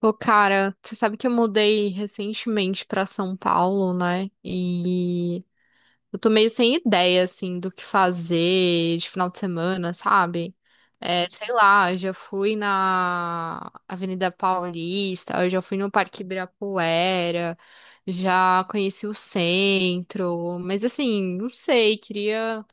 Pô, cara, você sabe que eu mudei recentemente pra São Paulo, né? E eu tô meio sem ideia, assim, do que fazer de final de semana, sabe? É, sei lá, eu já fui na Avenida Paulista, eu já fui no Parque Ibirapuera, já conheci o centro, mas assim, não sei, queria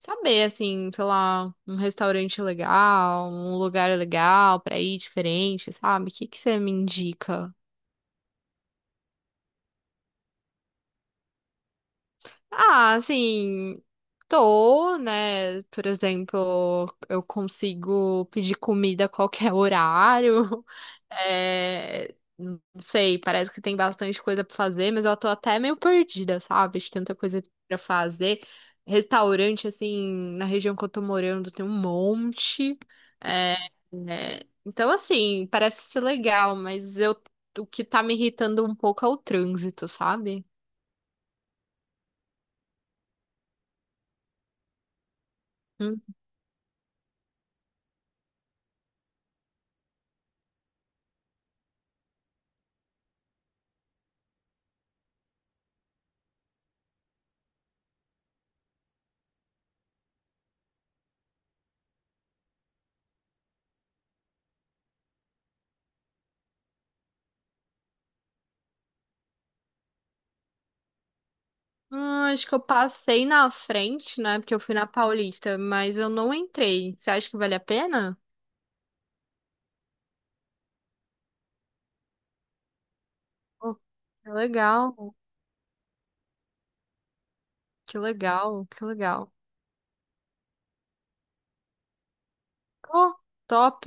saber, assim, sei lá, um restaurante legal, um lugar legal pra ir diferente, sabe? O que que você me indica? Ah, assim, tô, né? Por exemplo, eu consigo pedir comida a qualquer horário. É, não sei, parece que tem bastante coisa pra fazer, mas eu tô até meio perdida, sabe? De tanta coisa pra fazer. Restaurante, assim, na região que eu tô morando tem um monte. É, é, então, assim, parece ser legal, mas eu, o que tá me irritando um pouco é o trânsito, sabe? Ah, acho que eu passei na frente, né? Porque eu fui na Paulista, mas eu não entrei. Você acha que vale a pena? Oh, que legal, que legal, que legal. Oh, top.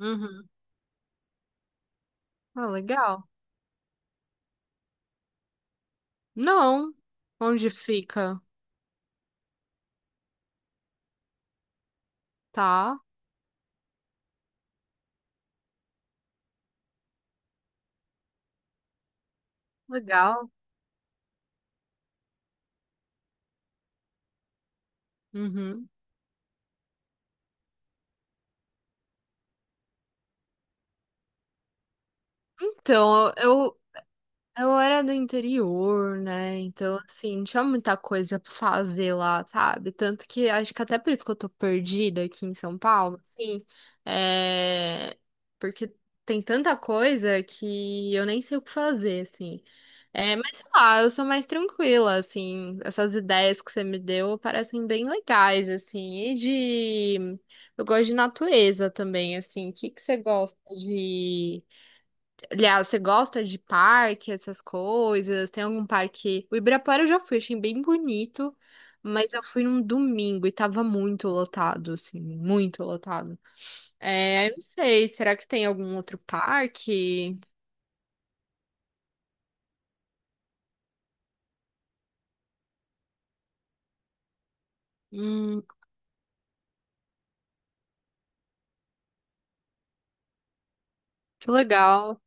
Uhum. Ah, legal. Não. Onde fica? Tá. Legal. Uhum. Então, eu era do interior, né? Então, assim, não tinha muita coisa pra fazer lá, sabe? Tanto que acho que até por isso que eu tô perdida aqui em São Paulo, assim, é... porque tem tanta coisa que eu nem sei o que fazer, assim. É, mas sei lá, eu sou mais tranquila, assim, essas ideias que você me deu parecem bem legais, assim, e de... Eu gosto de natureza também, assim, o que que você gosta de... Aliás, você gosta de parque, essas coisas? Tem algum parque? O Ibirapuera eu já fui, achei bem bonito, mas eu fui num domingo e tava muito lotado, assim, muito lotado. É, eu não sei, será que tem algum outro parque? Hum, que legal.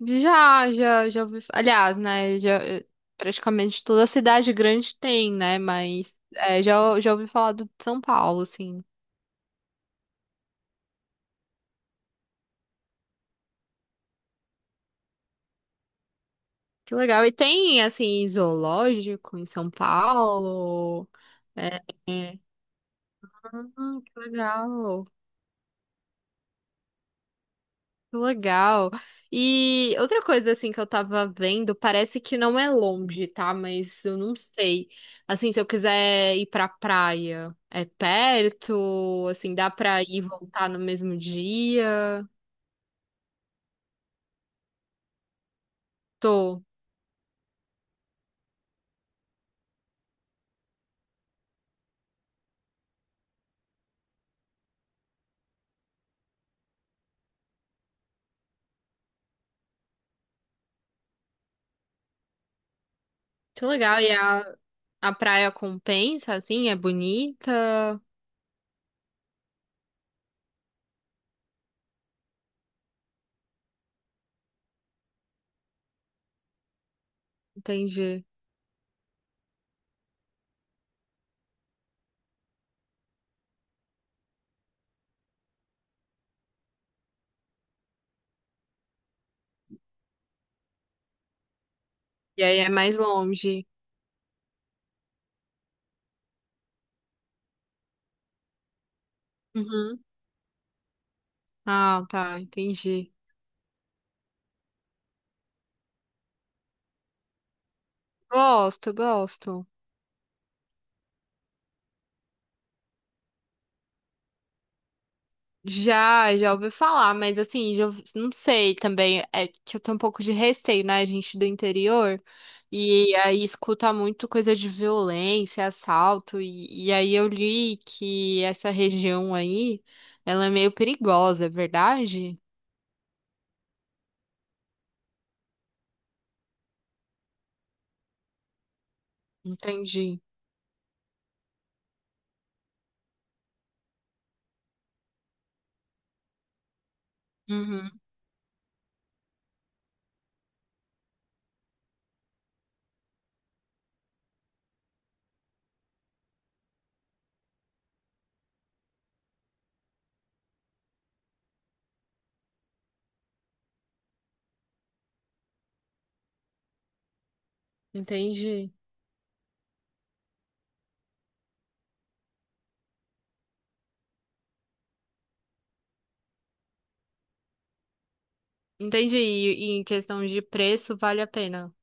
Já, já, já ouvi. Aliás, né, já, praticamente toda cidade grande tem, né, mas é, já, já ouvi falar do de São Paulo, assim. Que legal. E tem, assim, zoológico em São Paulo? É. É. Ah, que legal. Que legal. E outra coisa, assim, que eu tava vendo, parece que não é longe, tá? Mas eu não sei. Assim, se eu quiser ir pra praia, é perto? Assim, dá pra ir e voltar no mesmo dia? Tô. Que legal. E a praia compensa, assim, é bonita? Entendi. E aí é mais longe. Uhum. Ah, tá, entendi. Gosto, gosto. Já, já ouvi falar, mas assim, já, não sei também. É que eu tenho um pouco de receio, né, gente do interior. E aí escuta muito coisa de violência, assalto. E, aí eu li que essa região aí, ela é meio perigosa, é verdade? Entendi. Uhum, entendi. Entendi. E, em questão de preço, vale a pena.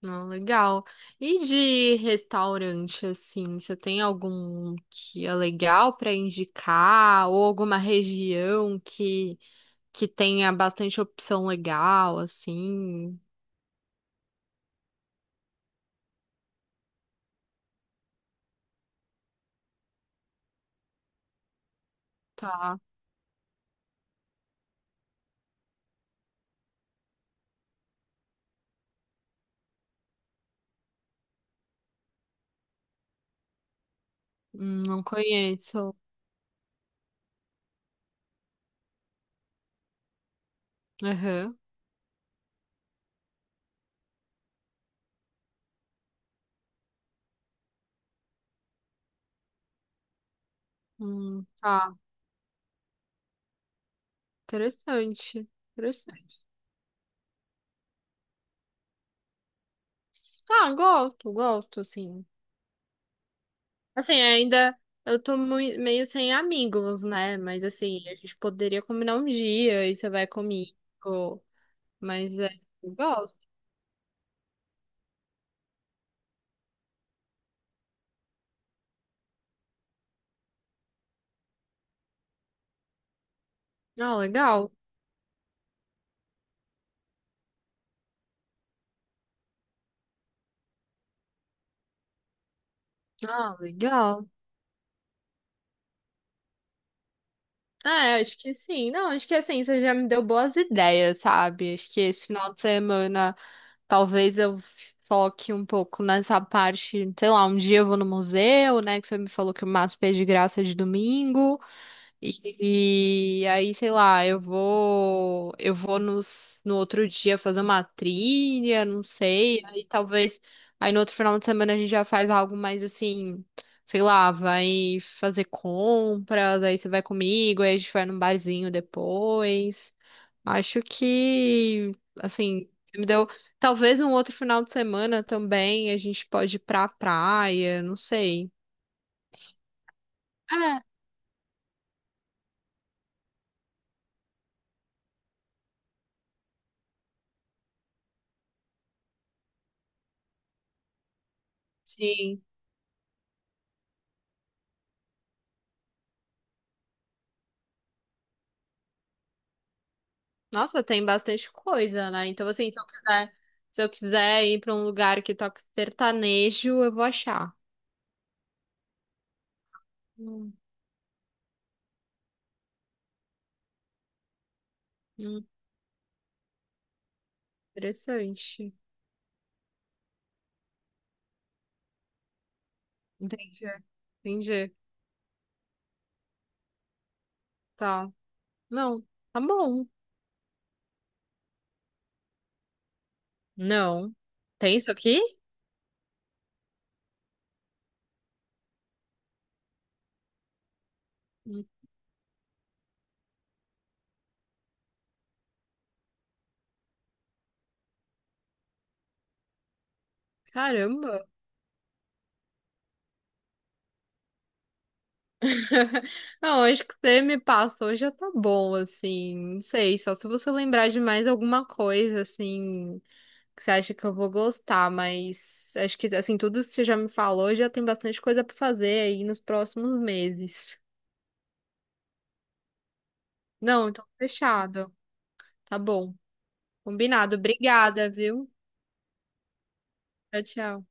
Não, legal. E de restaurante, assim, você tem algum que é legal para indicar ou alguma região que tenha bastante opção legal, assim? Tá. Não conheço. Aham. Tá. Interessante. Interessante. Ah, gosto, gosto, assim. Assim, ainda eu tô meio sem amigos, né? Mas assim, a gente poderia combinar um dia e você vai comigo. Mas é, eu gosto. Ah, legal. Ah, legal. É, acho que sim. Não, acho que assim, você já me deu boas ideias, sabe? Acho que esse final de semana talvez eu foque um pouco nessa parte, sei lá, um dia eu vou no museu, né? Que você me falou que o MASP é de graça de domingo. E, aí, sei lá, eu vou no outro dia fazer uma trilha, não sei, aí talvez, aí no outro final de semana a gente já faz algo mais assim, sei lá, vai fazer compras, aí você vai comigo, aí a gente vai num barzinho depois. Acho que, assim, você me deu, talvez no outro final de semana também a gente pode ir pra praia, não sei. É, sim. Nossa, tem bastante coisa, né? Então, assim, se eu quiser ir pra um lugar que toca sertanejo, eu vou achar. Hum, hum, interessante. Entendi, entendi. Tá. Não, tá bom. Não. Tem isso aqui? Hum, Caramba. Não, acho que você me passou já tá bom, assim. Não sei, só se você lembrar de mais alguma coisa, assim, que você acha que eu vou gostar, mas acho que assim, tudo que você já me falou já tem bastante coisa pra fazer aí nos próximos meses. Não, então fechado. Tá bom. Combinado. Obrigada, viu? Tchau, tchau.